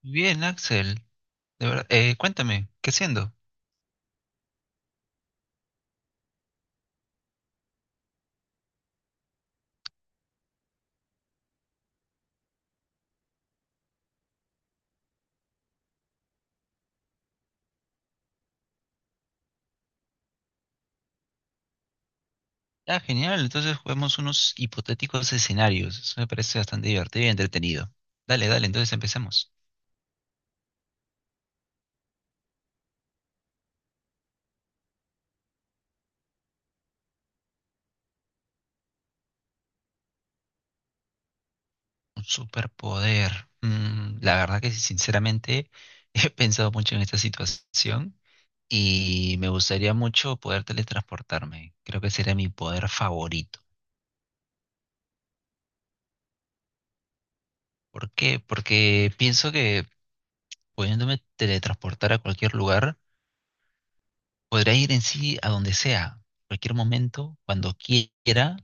Bien, Axel. De verdad, cuéntame, ¿qué siendo? Ah, genial. Entonces juguemos unos hipotéticos escenarios. Eso me parece bastante divertido y entretenido. Dale, dale, entonces empecemos. Un superpoder. Mm, la verdad que sí, sinceramente he pensado mucho en esta situación y me gustaría mucho poder teletransportarme. Creo que sería mi poder favorito. ¿Por qué? Porque pienso que pudiéndome teletransportar a cualquier lugar, podrá ir en sí a donde sea, cualquier momento, cuando quiera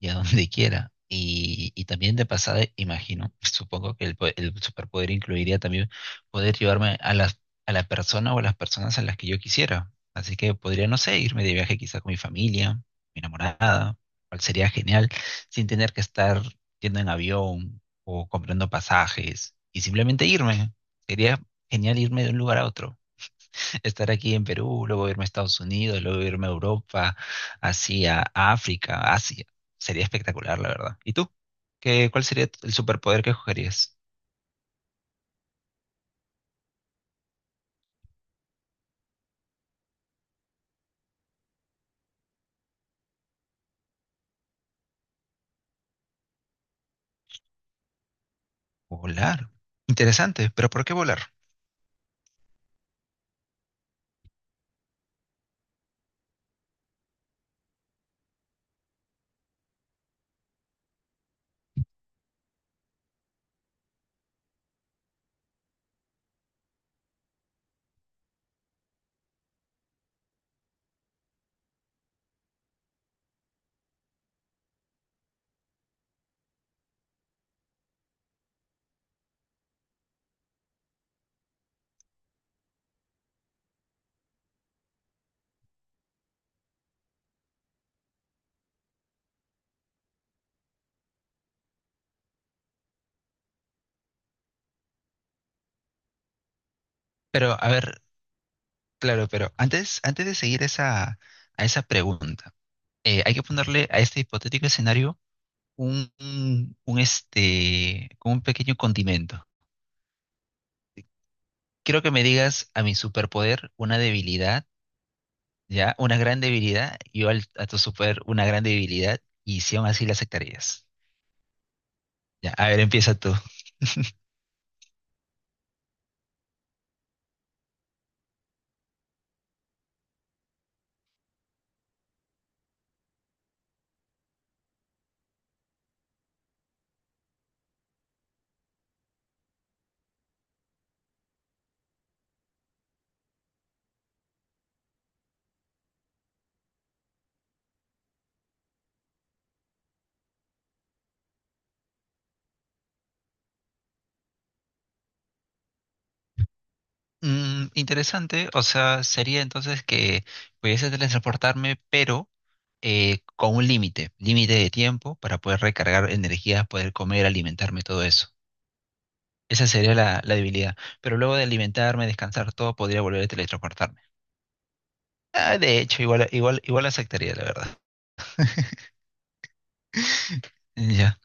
y a donde quiera. Y también de pasada, imagino, supongo que el superpoder incluiría también poder llevarme a a la persona o a las personas a las que yo quisiera. Así que podría, no sé, irme de viaje quizá con mi familia, mi enamorada, cual sería genial, sin tener que estar yendo en avión o comprando pasajes y simplemente irme. Sería genial irme de un lugar a otro, estar aquí en Perú, luego irme a Estados Unidos, luego irme a Europa, hacia África, Asia. Sería espectacular, la verdad. ¿Y tú? ¿Qué, cuál sería el superpoder que escogerías? Volar. Interesante, pero ¿por qué volar? Pero, a ver, claro, pero antes, antes de seguir a esa pregunta, hay que ponerle a este hipotético escenario como un pequeño condimento. Quiero que me digas a mi superpoder una debilidad. ¿Ya? Una gran debilidad, yo a tu super una gran debilidad, y si aún así la aceptarías. Ya, a ver, empieza tú. Mm, interesante. O sea, sería entonces que pudiese teletransportarme, pero con un límite, límite de tiempo para poder recargar energías, poder comer, alimentarme, todo eso. Esa sería la, la debilidad. Pero luego de alimentarme, descansar, todo, podría volver a teletransportarme. Ah, de hecho, igual, igual, igual aceptaría, la verdad. Ya.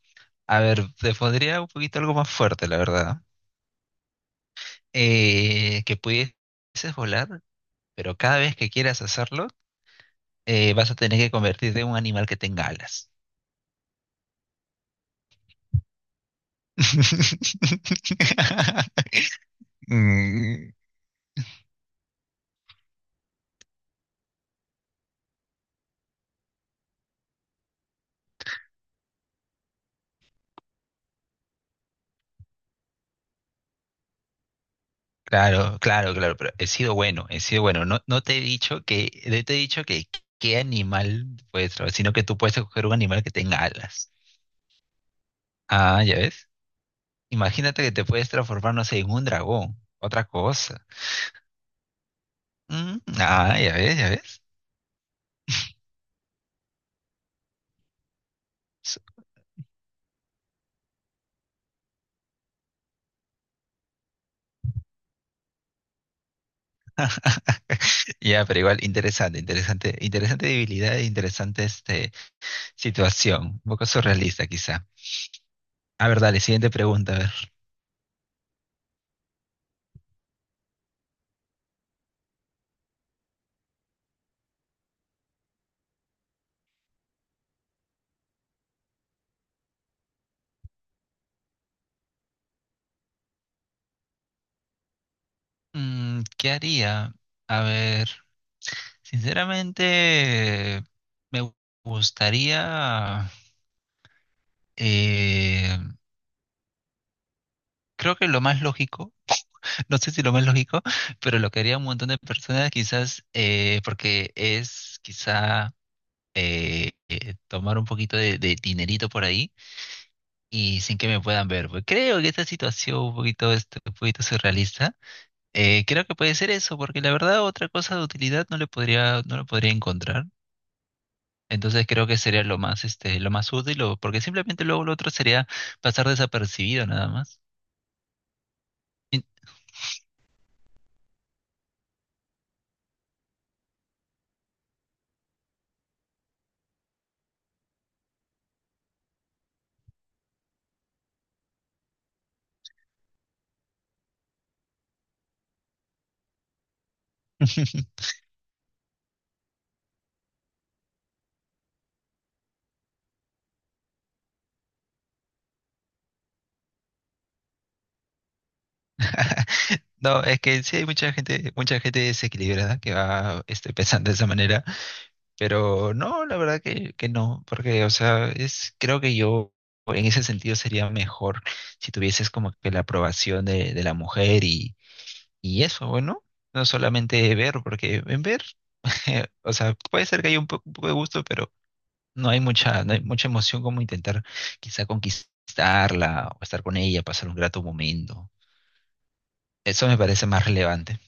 A ver, te pondría un poquito algo más fuerte, la verdad. Eh, que pudieses volar, pero cada vez que quieras hacerlo, vas a tener que convertirte en un animal que tenga alas. Mm, claro, claro, claro, pero he sido bueno, he sido bueno. No, no te he dicho que, no te he dicho que qué animal puedes traer, sino que tú puedes escoger un animal que tenga alas. Ah, ya ves. Imagínate que te puedes transformar, no sé, en un dragón, otra cosa. Mm, ah, ya ves, ya ves. Ya, pero igual interesante, interesante, interesante debilidad, e interesante situación, un poco surrealista quizá. A ver, dale, siguiente pregunta, a ver. Mm, ¿qué haría? A ver, sinceramente me gustaría, eh, creo que lo más lógico, no sé si lo más lógico, pero lo que haría un montón de personas quizás, porque es quizá tomar un poquito de dinerito por ahí y sin que me puedan ver. Pues creo que esta situación un poquito, un poquito surrealista, creo que puede ser eso, porque la verdad otra cosa de utilidad no le podría, no lo podría encontrar. Entonces creo que sería lo más, lo más útil, porque simplemente luego lo otro sería pasar desapercibido nada más. Y- No, es que sí hay mucha gente desequilibrada que va, pensando de esa manera. Pero no, la verdad que no, porque, o sea, es, creo que yo en ese sentido sería mejor si tuvieses como que la aprobación de la mujer, y eso, bueno, no solamente ver, porque en ver, o sea, puede ser que haya un poco de gusto, pero no hay mucha, no hay mucha emoción como intentar quizá conquistarla o estar con ella, pasar un grato momento. Eso me parece más relevante.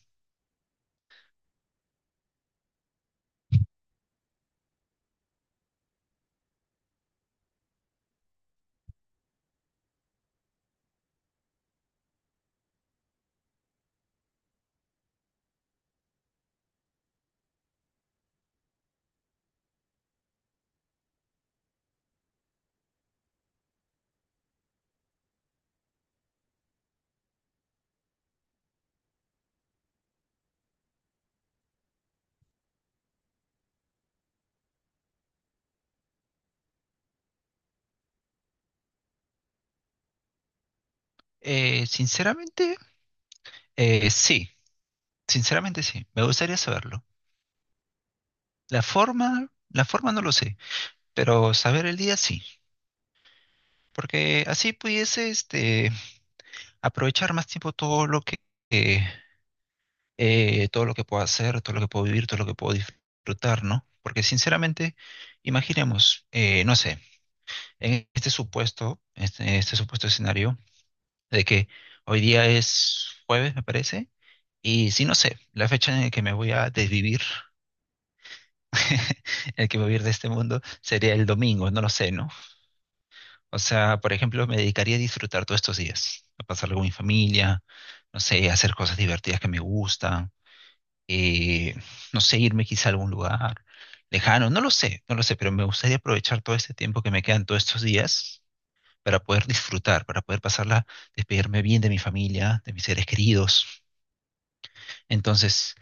Sinceramente, sí, sinceramente sí, me gustaría saberlo. La forma no lo sé, pero saber el día sí, porque así pudiese aprovechar más tiempo eh, todo lo que puedo hacer, todo lo que puedo vivir, todo lo que puedo disfrutar, ¿no? Porque sinceramente, imaginemos, no sé, en este supuesto, este supuesto escenario de que hoy día es jueves, me parece, y si no sé, la fecha en la que me voy a desvivir, en la que me voy a ir de este mundo, sería el domingo, no lo sé, ¿no? O sea, por ejemplo, me dedicaría a disfrutar todos estos días, a pasarlo con mi familia, no sé, a hacer cosas divertidas que me gustan, eh, no sé, irme quizá a algún lugar lejano, no lo sé, no lo sé, pero me gustaría aprovechar todo este tiempo que me quedan todos estos días para poder disfrutar, para poder pasarla, despedirme bien de mi familia, de mis seres queridos. Entonces,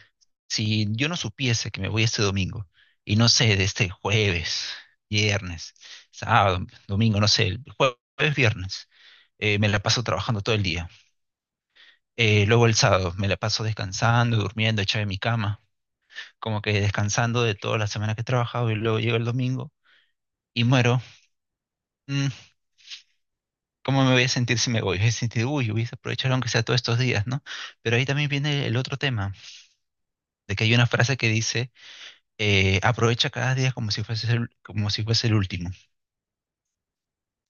si yo no supiese que me voy este domingo, y no sé, de este jueves, viernes, sábado, domingo, no sé, el jueves, viernes, me la paso trabajando todo el día. Luego el sábado me la paso descansando, durmiendo, echado en mi cama, como que descansando de toda la semana que he trabajado y luego llega el domingo y muero. Mm, ¿cómo me voy a sentir si me voy? Voy a sentir, uy, hubiese aprovechado aunque sea todos estos días, ¿no? Pero ahí también viene el otro tema, de que hay una frase que dice, aprovecha cada día como si fuese el, como si fuese el último.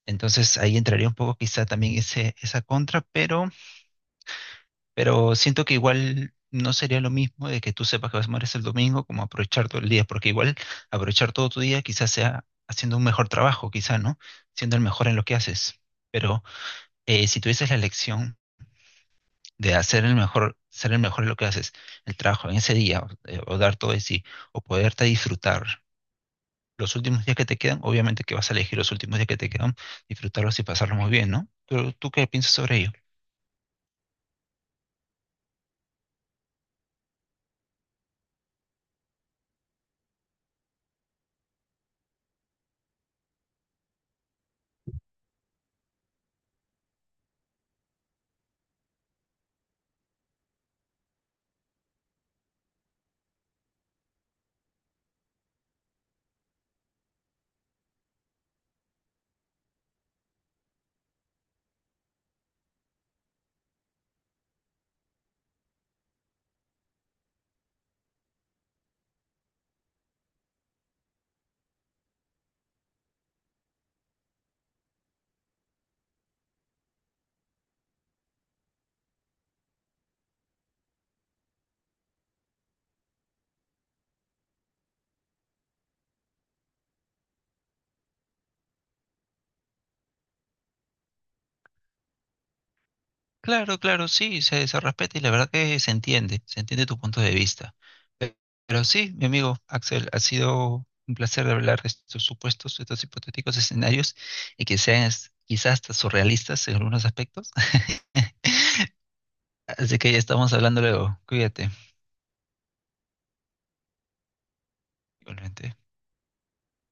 Entonces ahí entraría un poco quizá también ese, esa contra, pero siento que igual no sería lo mismo de que tú sepas que vas a morir el domingo como aprovechar todo el día, porque igual aprovechar todo tu día quizás sea haciendo un mejor trabajo, quizá, ¿no? Siendo el mejor en lo que haces. Pero si tuvieses la elección de hacer el mejor, ser el mejor en lo que haces, el trabajo en ese día, o dar todo de sí, o poderte disfrutar los últimos días que te quedan, obviamente que vas a elegir los últimos días que te quedan, disfrutarlos y pasarlos muy bien, ¿no? ¿Tú, tú qué piensas sobre ello? Claro, claro, sí, se respeta y la verdad que se entiende tu punto de vista. Pe- Pero sí, mi amigo Axel, ha sido un placer hablar de estos supuestos, estos hipotéticos escenarios y que sean quizás hasta surrealistas en algunos aspectos. Así que ya estamos hablando luego. Cuídate, igualmente.